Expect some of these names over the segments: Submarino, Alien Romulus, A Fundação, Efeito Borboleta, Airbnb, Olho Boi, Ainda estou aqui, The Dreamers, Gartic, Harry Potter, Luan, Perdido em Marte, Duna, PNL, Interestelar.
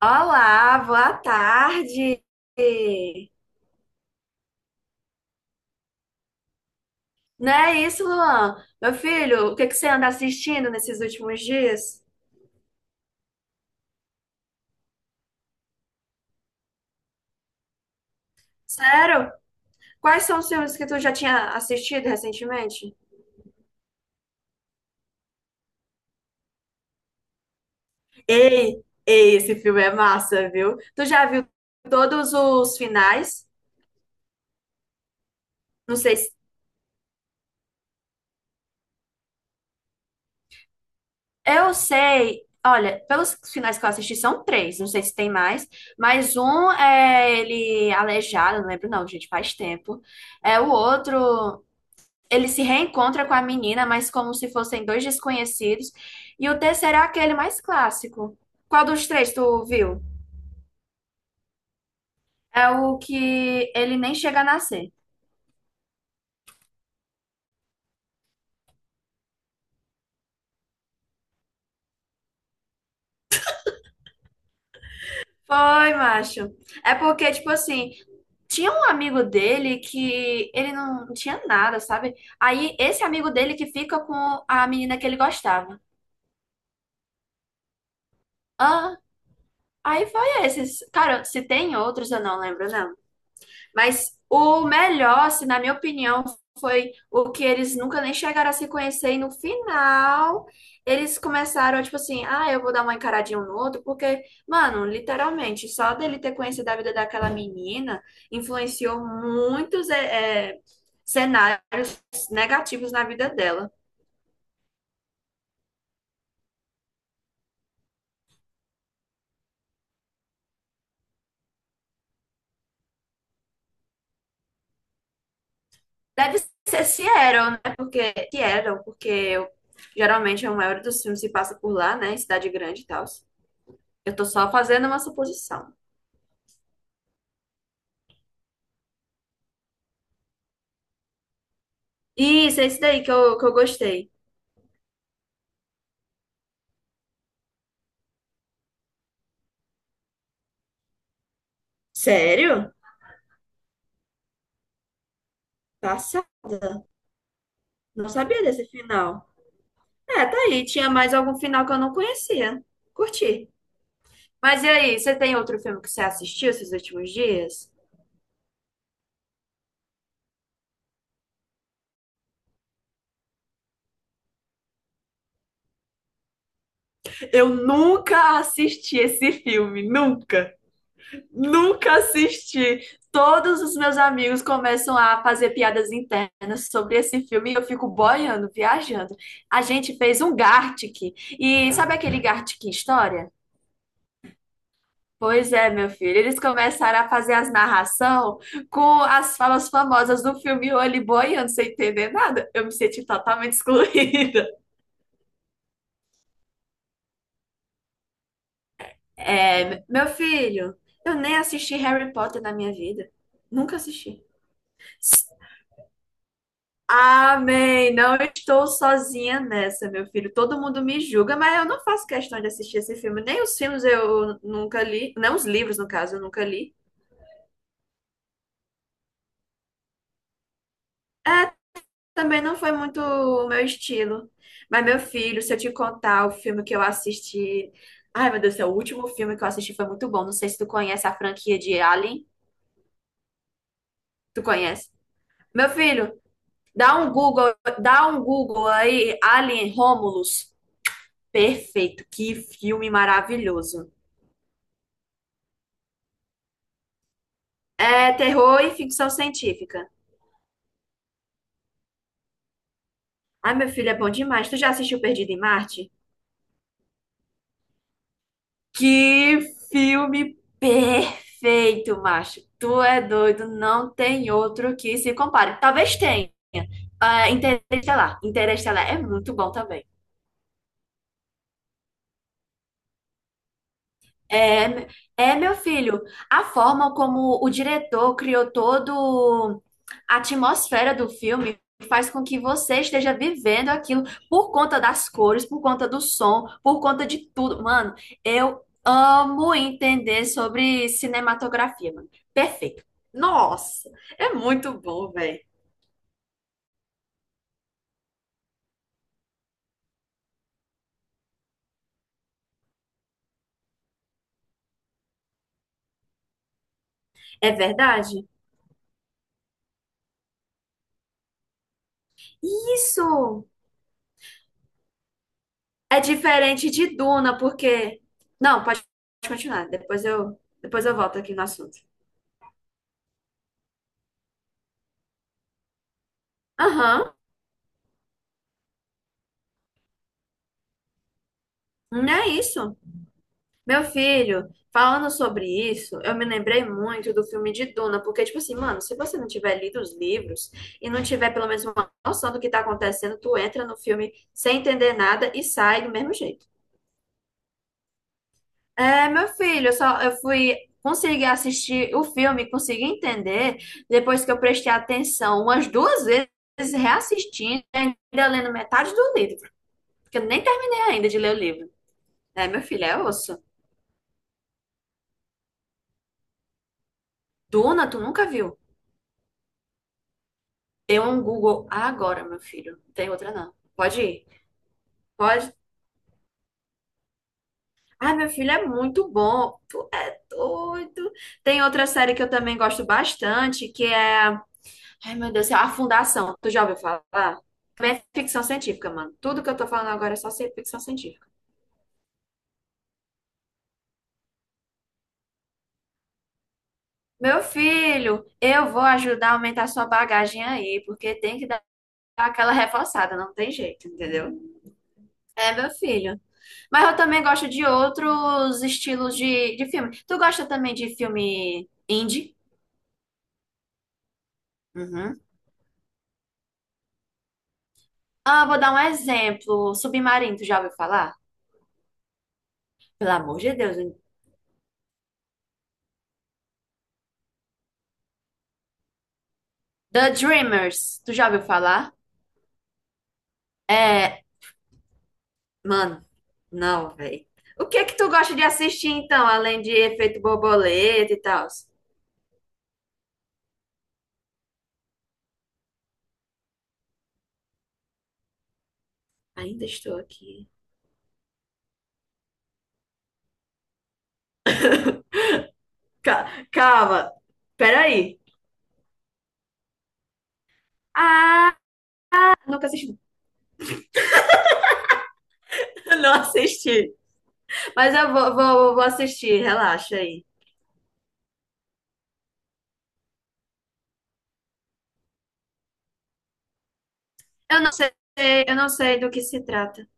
Olá, boa tarde. Não é isso, Luan? Meu filho, o que que você anda assistindo nesses últimos dias? Sério? Quais são os filmes que tu já tinha assistido recentemente? Ei, ei, esse filme é massa, viu? Tu já viu todos os finais? Não sei se... Eu sei. Olha, pelos finais que eu assisti, são três. Não sei se tem mais. Mas um é ele aleijado, não lembro não, gente, faz tempo. É o outro. Ele se reencontra com a menina, mas como se fossem dois desconhecidos. E o terceiro é aquele mais clássico. Qual dos três tu viu? É o que ele nem chega a nascer. Foi, macho. É porque, tipo assim, tinha um amigo dele que ele não tinha nada, sabe? Aí esse amigo dele que fica com a menina que ele gostava. Ah, aí foi esses. Cara, se tem outros, eu não lembro, não. Mas o melhor, assim, na minha opinião, foi o que eles nunca nem chegaram a se conhecer. E no final, eles começaram, tipo assim, ah, eu vou dar uma encaradinha um no outro, porque, mano, literalmente, só dele ter conhecido a vida daquela menina influenciou muitos cenários negativos na vida dela. Deve ser Seattle, né? Porque Seattle, geralmente a maioria dos filmes se passa por lá, né? Em cidade grande e tal. Eu tô só fazendo uma suposição. Isso, é esse daí que eu gostei. Sério? Passada. Não sabia desse final. É, tá aí. Tinha mais algum final que eu não conhecia. Curti. Mas e aí, você tem outro filme que você assistiu esses últimos dias? Eu nunca assisti esse filme, nunca. Nunca assisti. Todos os meus amigos começam a fazer piadas internas sobre esse filme e eu fico boiando, viajando. A gente fez um Gartic. E sabe aquele Gartic História? Pois é, meu filho. Eles começaram a fazer as narração com as falas famosas do filme Olho Boi, eu não sei entender nada. Eu me senti totalmente excluída. É, meu filho, eu nem assisti Harry Potter na minha vida. Nunca assisti. Amém. Não estou sozinha nessa, meu filho. Todo mundo me julga, mas eu não faço questão de assistir esse filme. Nem os filmes eu nunca li, não os livros, no caso, eu nunca li. Também não foi muito o meu estilo. Mas, meu filho, se eu te contar o filme que eu assisti. Ai, meu Deus do céu, o último filme que eu assisti foi muito bom. Não sei se tu conhece a franquia de Alien. Tu conhece? Meu filho, dá um Google, dá um Google aí, Alien Romulus. Perfeito, que filme maravilhoso. É terror e ficção científica. Ai, meu filho, é bom demais. Tu já assistiu Perdido em Marte? Que filme perfeito, macho. Tu é doido, não tem outro que se compare. Talvez tenha. Ah, Interestelar. Interestelar é muito bom também. É, meu filho, a forma como o diretor criou todo a atmosfera do filme faz com que você esteja vivendo aquilo por conta das cores, por conta do som, por conta de tudo. Mano, eu amo entender sobre cinematografia, mano. Perfeito. Nossa, é muito bom, velho. É verdade? Isso é diferente de Duna, porque. Não, pode continuar. Depois eu volto aqui no assunto. Aham, não é isso. Meu filho, falando sobre isso, eu me lembrei muito do filme de Duna, porque, tipo assim, mano, se você não tiver lido os livros e não tiver pelo menos uma noção do que tá acontecendo, tu entra no filme sem entender nada e sai do mesmo jeito. É, meu filho, eu fui conseguir assistir o filme, consegui entender, depois que eu prestei atenção umas duas vezes, reassistindo, e ainda lendo metade do livro, porque eu nem terminei ainda de ler o livro. É, meu filho, é osso. Duna, tu nunca viu? Dê um Google agora, meu filho. Não tem outra, não. Pode ir. Pode. Ai, meu filho é muito bom. Tu é doido. Tem outra série que eu também gosto bastante, que é. Ai, meu Deus, do céu, A Fundação. Tu já ouviu falar? Também é ficção científica, mano. Tudo que eu tô falando agora é só ser ficção científica. Meu filho, eu vou ajudar a aumentar sua bagagem aí, porque tem que dar aquela reforçada, não tem jeito, entendeu? É, meu filho. Mas eu também gosto de outros estilos de filme. Tu gosta também de filme indie? Uhum. Ah, vou dar um exemplo. Submarino, tu já ouviu falar? Pelo amor de Deus. Hein? The Dreamers, tu já ouviu falar? É, mano, não, velho. O que que tu gosta de assistir então, além de Efeito Borboleta e tal? Ainda estou aqui. Ca- Calma, peraí. Ah, nunca assisti. Não assisti. Mas eu vou assistir, relaxa aí. Eu não sei, eu não sei do que se trata.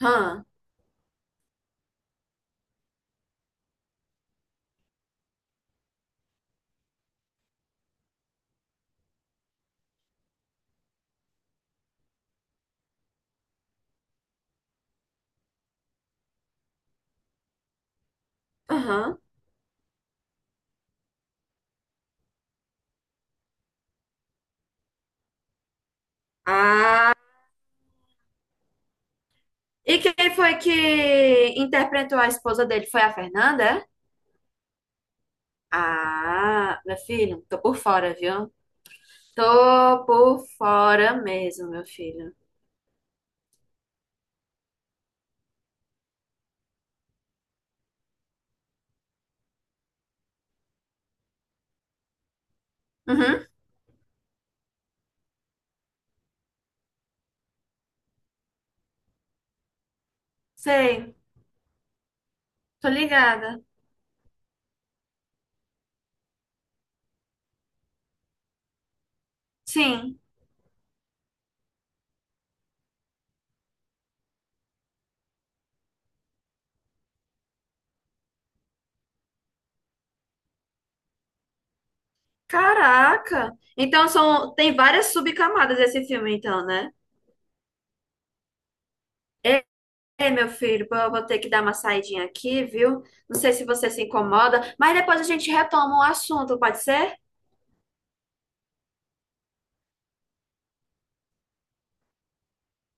Hã? Aham. Ah. E quem foi que interpretou a esposa dele? Foi a Fernanda? É? Ah, meu filho, tô por fora, viu? Tô por fora mesmo, meu filho. Uhum, sei, tô ligada. Sim. Caraca! Então são, tem várias subcamadas esse filme, então, né? Ei, meu filho, pô, eu vou ter que dar uma saidinha aqui, viu? Não sei se você se incomoda, mas depois a gente retoma o assunto, pode ser?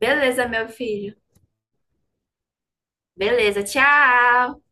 Beleza, meu filho. Beleza, tchau!